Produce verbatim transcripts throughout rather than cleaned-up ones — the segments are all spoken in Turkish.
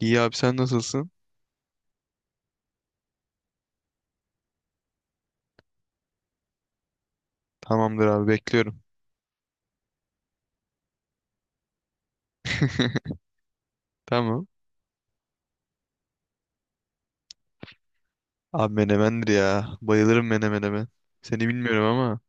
İyi abi sen nasılsın? Tamamdır abi bekliyorum. Tamam. Abi menemendir ya. Bayılırım menemene ben. Seni bilmiyorum ama.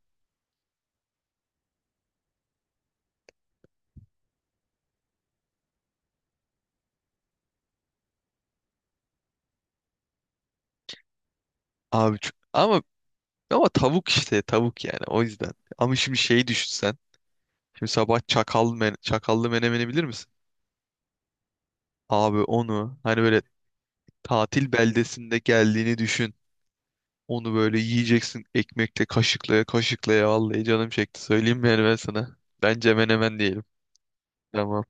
Abi çok... ama ama tavuk işte tavuk yani o yüzden. Ama şimdi şeyi düşünsen. Şimdi sabah çakal men çakallı menemeni bilir misin? Abi onu hani böyle tatil beldesinde geldiğini düşün. Onu böyle yiyeceksin ekmekle kaşıklaya kaşıklaya vallahi canım çekti. Söyleyeyim mi yani ben sana? Bence menemen diyelim. Tamam.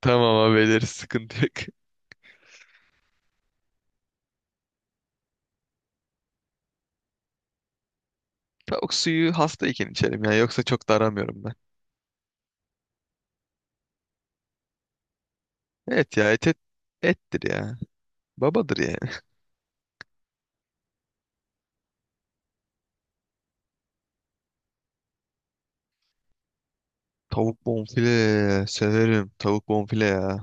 Tamam abi ederiz sıkıntı yok. Tavuk suyu hastayken içerim ya. Yoksa çok da aramıyorum ben. Evet ya et, et ettir ya. Babadır yani. Tavuk bonfile severim. Tavuk bonfile ya.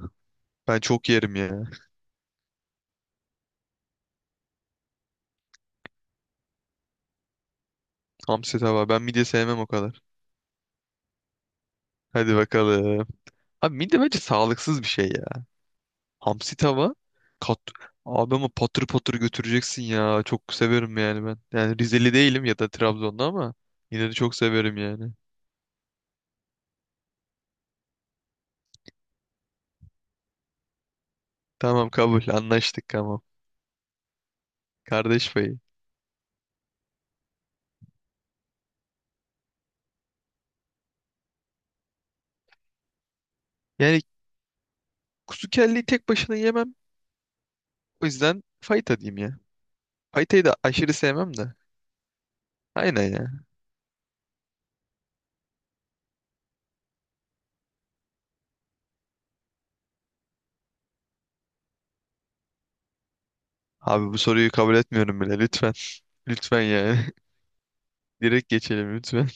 Ben çok yerim ya. Hamsi tava. Ben midye sevmem o kadar. Hadi bakalım. Abi midye bence sağlıksız bir şey ya. Hamsi tava. Kat... Abi ama patır patır götüreceksin ya. Çok severim yani ben. Yani Rizeli değilim ya da Trabzonlu ama yine de çok severim yani. Tamam kabul. Anlaştık tamam. Kardeş payı. Yani kuzu kelleyi tek başına yemem. O yüzden Fayta diyeyim ya. Fayta'yı da aşırı sevmem de. Aynen ya. Abi bu soruyu kabul etmiyorum bile lütfen. Lütfen yani. Direkt geçelim lütfen.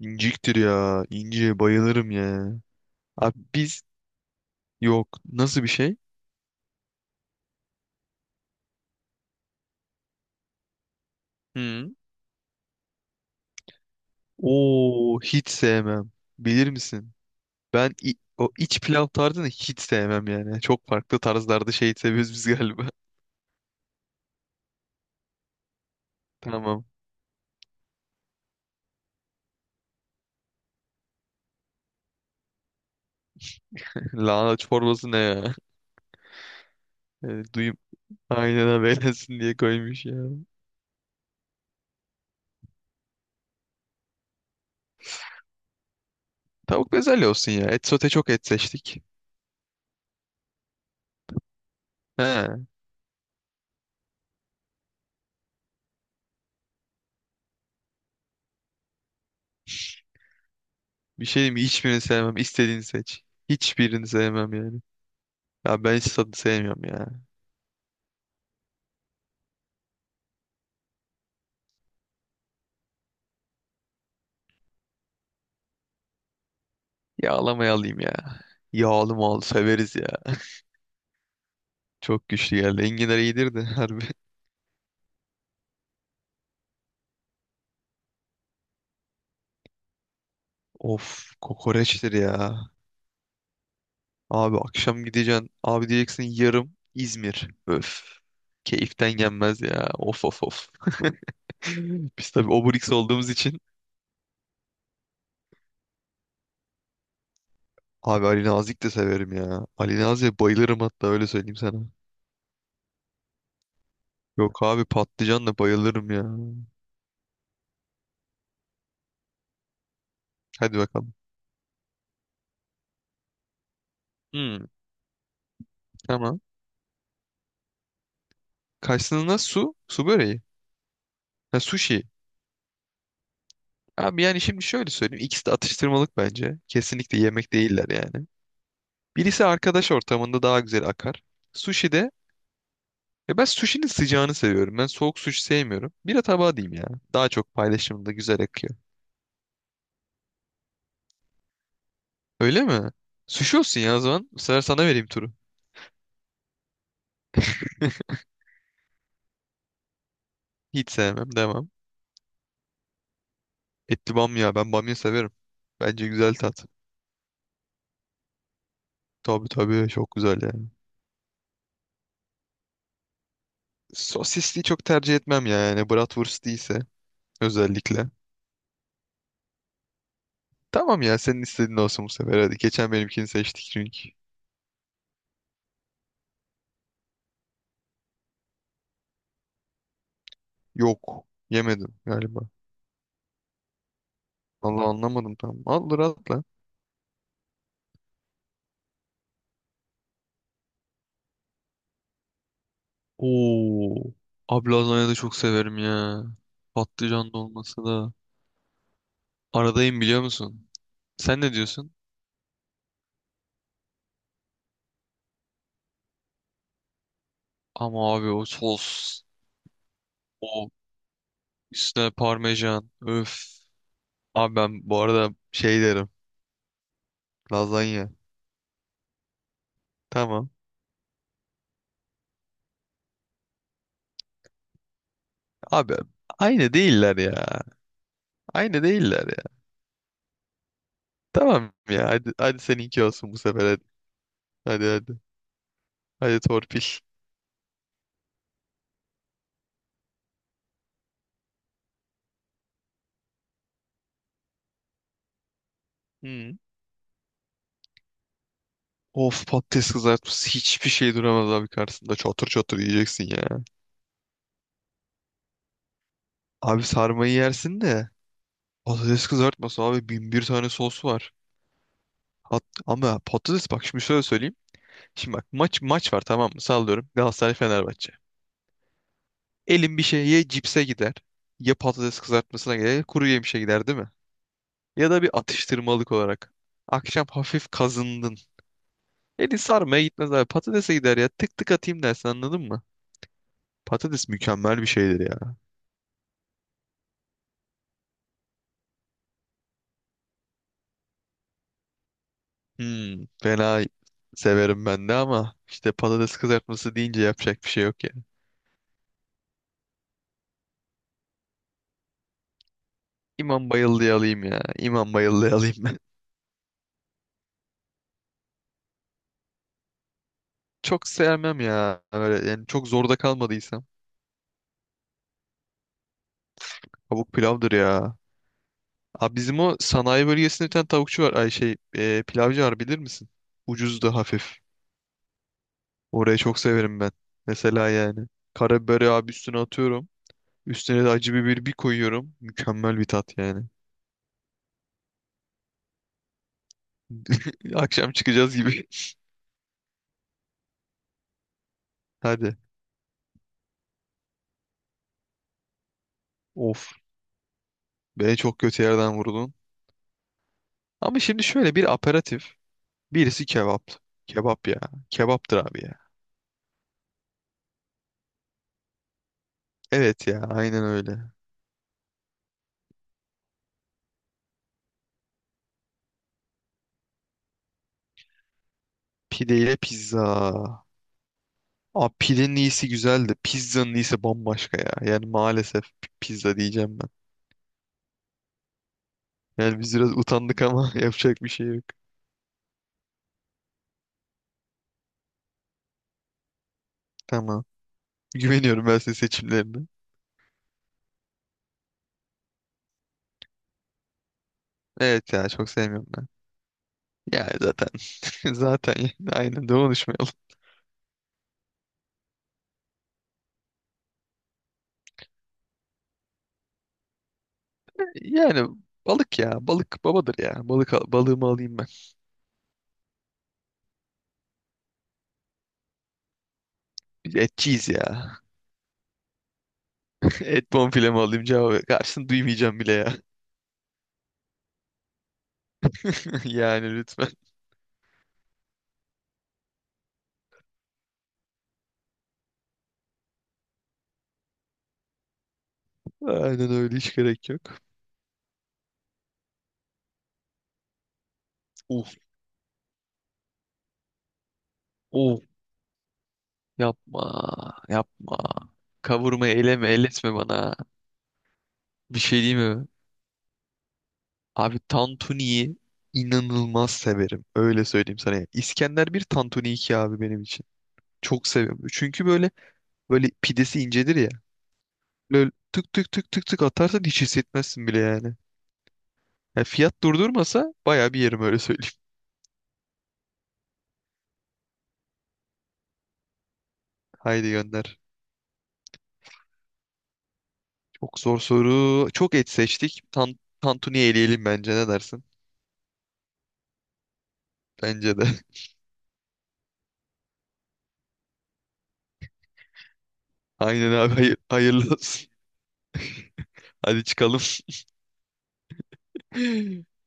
İnciktir ya. İnci bayılırım ya. Abi biz yok. Nasıl bir şey? Hı. Oo hiç sevmem. Bilir misin? Ben i- o iç pilav tarzını hiç sevmem yani. Çok farklı tarzlarda şey seviyoruz biz galiba. Tamam. Lahana çorbası ne ya? E, duyum aynen haberlesin diye koymuş ya. Tavuk bezelye olsun ya. Et sote çok et seçtik. He. Bir şey diyeyim mi? Hiçbirini sevmem. İstediğini seç. Hiçbirini sevmem yani. Ya ben hiç tadı sevmiyorum ya. Yağlamayı alayım ya. Yağlı mal severiz ya. Çok güçlü geldi. Enginar iyidir de harbi. Of kokoreçtir ya. Abi akşam gideceksin. Abi diyeceksin yarım İzmir. Öf. Keyiften yenmez ya. Of of of. Biz tabii obrik olduğumuz için. Abi Ali Nazik de severim ya. Ali Nazik'e bayılırım hatta öyle söyleyeyim sana. Yok abi patlıcanla bayılırım ya. Hadi bakalım. Hmm, tamam. Karşısında su, su böreği. Ha sushi. Abi yani şimdi şöyle söyleyeyim. İkisi de atıştırmalık bence. Kesinlikle yemek değiller yani. Birisi arkadaş ortamında daha güzel akar. Sushi de e ben sushi'nin sıcağını seviyorum. Ben soğuk sushi sevmiyorum. Bira tabağı diyeyim ya. Daha çok paylaşımda güzel akıyor. Öyle mi? Sushi olsun ya o zaman. Bu sefer sana vereyim turu. Hiç sevmem. Devam. Etli bamya. Ben bamya severim. Bence güzel tat. Tabii tabii çok güzel yani. Sosisli çok tercih etmem ya. Yani bratwurst değilse özellikle. Tamam ya senin istediğin olsun bu sefer hadi. Geçen benimkini seçtik çünkü. Yok. Yemedim galiba. Allah anlamadım tam. Al rahatla. Oo. Abi lazanyayı da çok severim ya. Patlıcan dolması da. Aradayım biliyor musun? Sen ne diyorsun? Ama abi o sos. O üstüne parmesan. Öf. Abi ben bu arada şey derim. Lazanya. Tamam. Abi aynı değiller ya. Aynı değiller ya. Tamam ya hadi, hadi seninki olsun bu sefer hadi. Hadi hadi. Hadi torpil. Hmm. Of patates kızartması hiçbir şey duramaz abi karşısında. Çatır çatır yiyeceksin ya. Abi sarmayı yersin de patates kızartması abi bin bir tane sos var. Hat- ama patates bak şimdi şöyle söyleyeyim. Şimdi bak maç maç var tamam mı? Sallıyorum Galatasaray Fenerbahçe. Elim bir şey ya cipse gider ya patates kızartmasına gider ya kuru yemişe gider değil mi? Ya da bir atıştırmalık olarak. Akşam hafif kazındın. Eli sarmaya gitmez abi. Patatese gider ya. Tık tık atayım dersin anladın mı? Patates mükemmel bir şeydir ya. Hmm, fena severim ben de ama işte patates kızartması deyince yapacak bir şey yok ya. İmam bayıldığı alayım ya. İmam bayıldığı alayım ben. Çok sevmem ya. Öyle yani çok zorda kalmadıysam. Tavuk pilavdır ya. Abi bizim o sanayi bölgesinde bir tane tavukçu var. Ay şey e, pilavcı var bilir misin? Ucuz da hafif. Orayı çok severim ben. Mesela yani. Karabiberi abi üstüne atıyorum. Üstüne de acı biber bir koyuyorum. Mükemmel bir tat yani. Akşam çıkacağız gibi. Hadi. Of. Beni çok kötü yerden vurdun. Ama şimdi şöyle bir aperatif. Birisi kebap. Kebap ya. Kebaptır abi ya. Evet ya aynen öyle. Pide ile pizza. Abi pidenin iyisi güzeldi. Pizzanın iyisi bambaşka ya. Yani maalesef p- pizza diyeceğim ben. Yani biz biraz utandık ama yapacak bir şey yok. Tamam. Güveniyorum ben senin seçimlerine. Evet ya çok sevmiyorum. Yani zaten zaten yani aynen de konuşmayalım. Yani balık ya. Balık babadır ya. Balık al- balığımı alayım ben. Biz etçiyiz ya. Et bonfilemi alayım cevabı. Karşını duymayacağım bile ya. Yani lütfen. Aynen öyle hiç gerek yok. Uf uf yapma yapma. Kavurma eleme elletme bana. Bir şey diyeyim mi? Abi tantuniyi inanılmaz severim. Öyle söyleyeyim sana. Ya. İskender bir tantuni iki abi benim için. Çok seviyorum. Çünkü böyle Böyle pidesi incedir ya. Böyle tık tık tık tık tık atarsan hiç hissetmezsin bile yani. Yani fiyat durdurmasa baya bir yerim öyle söyleyeyim. Haydi gönder. Çok zor soru. Çok et seçtik. Tan Tantuni eleyelim bence ne dersin? Bence de. Aynen abi hayır, hayırlı olsun. Hadi çıkalım.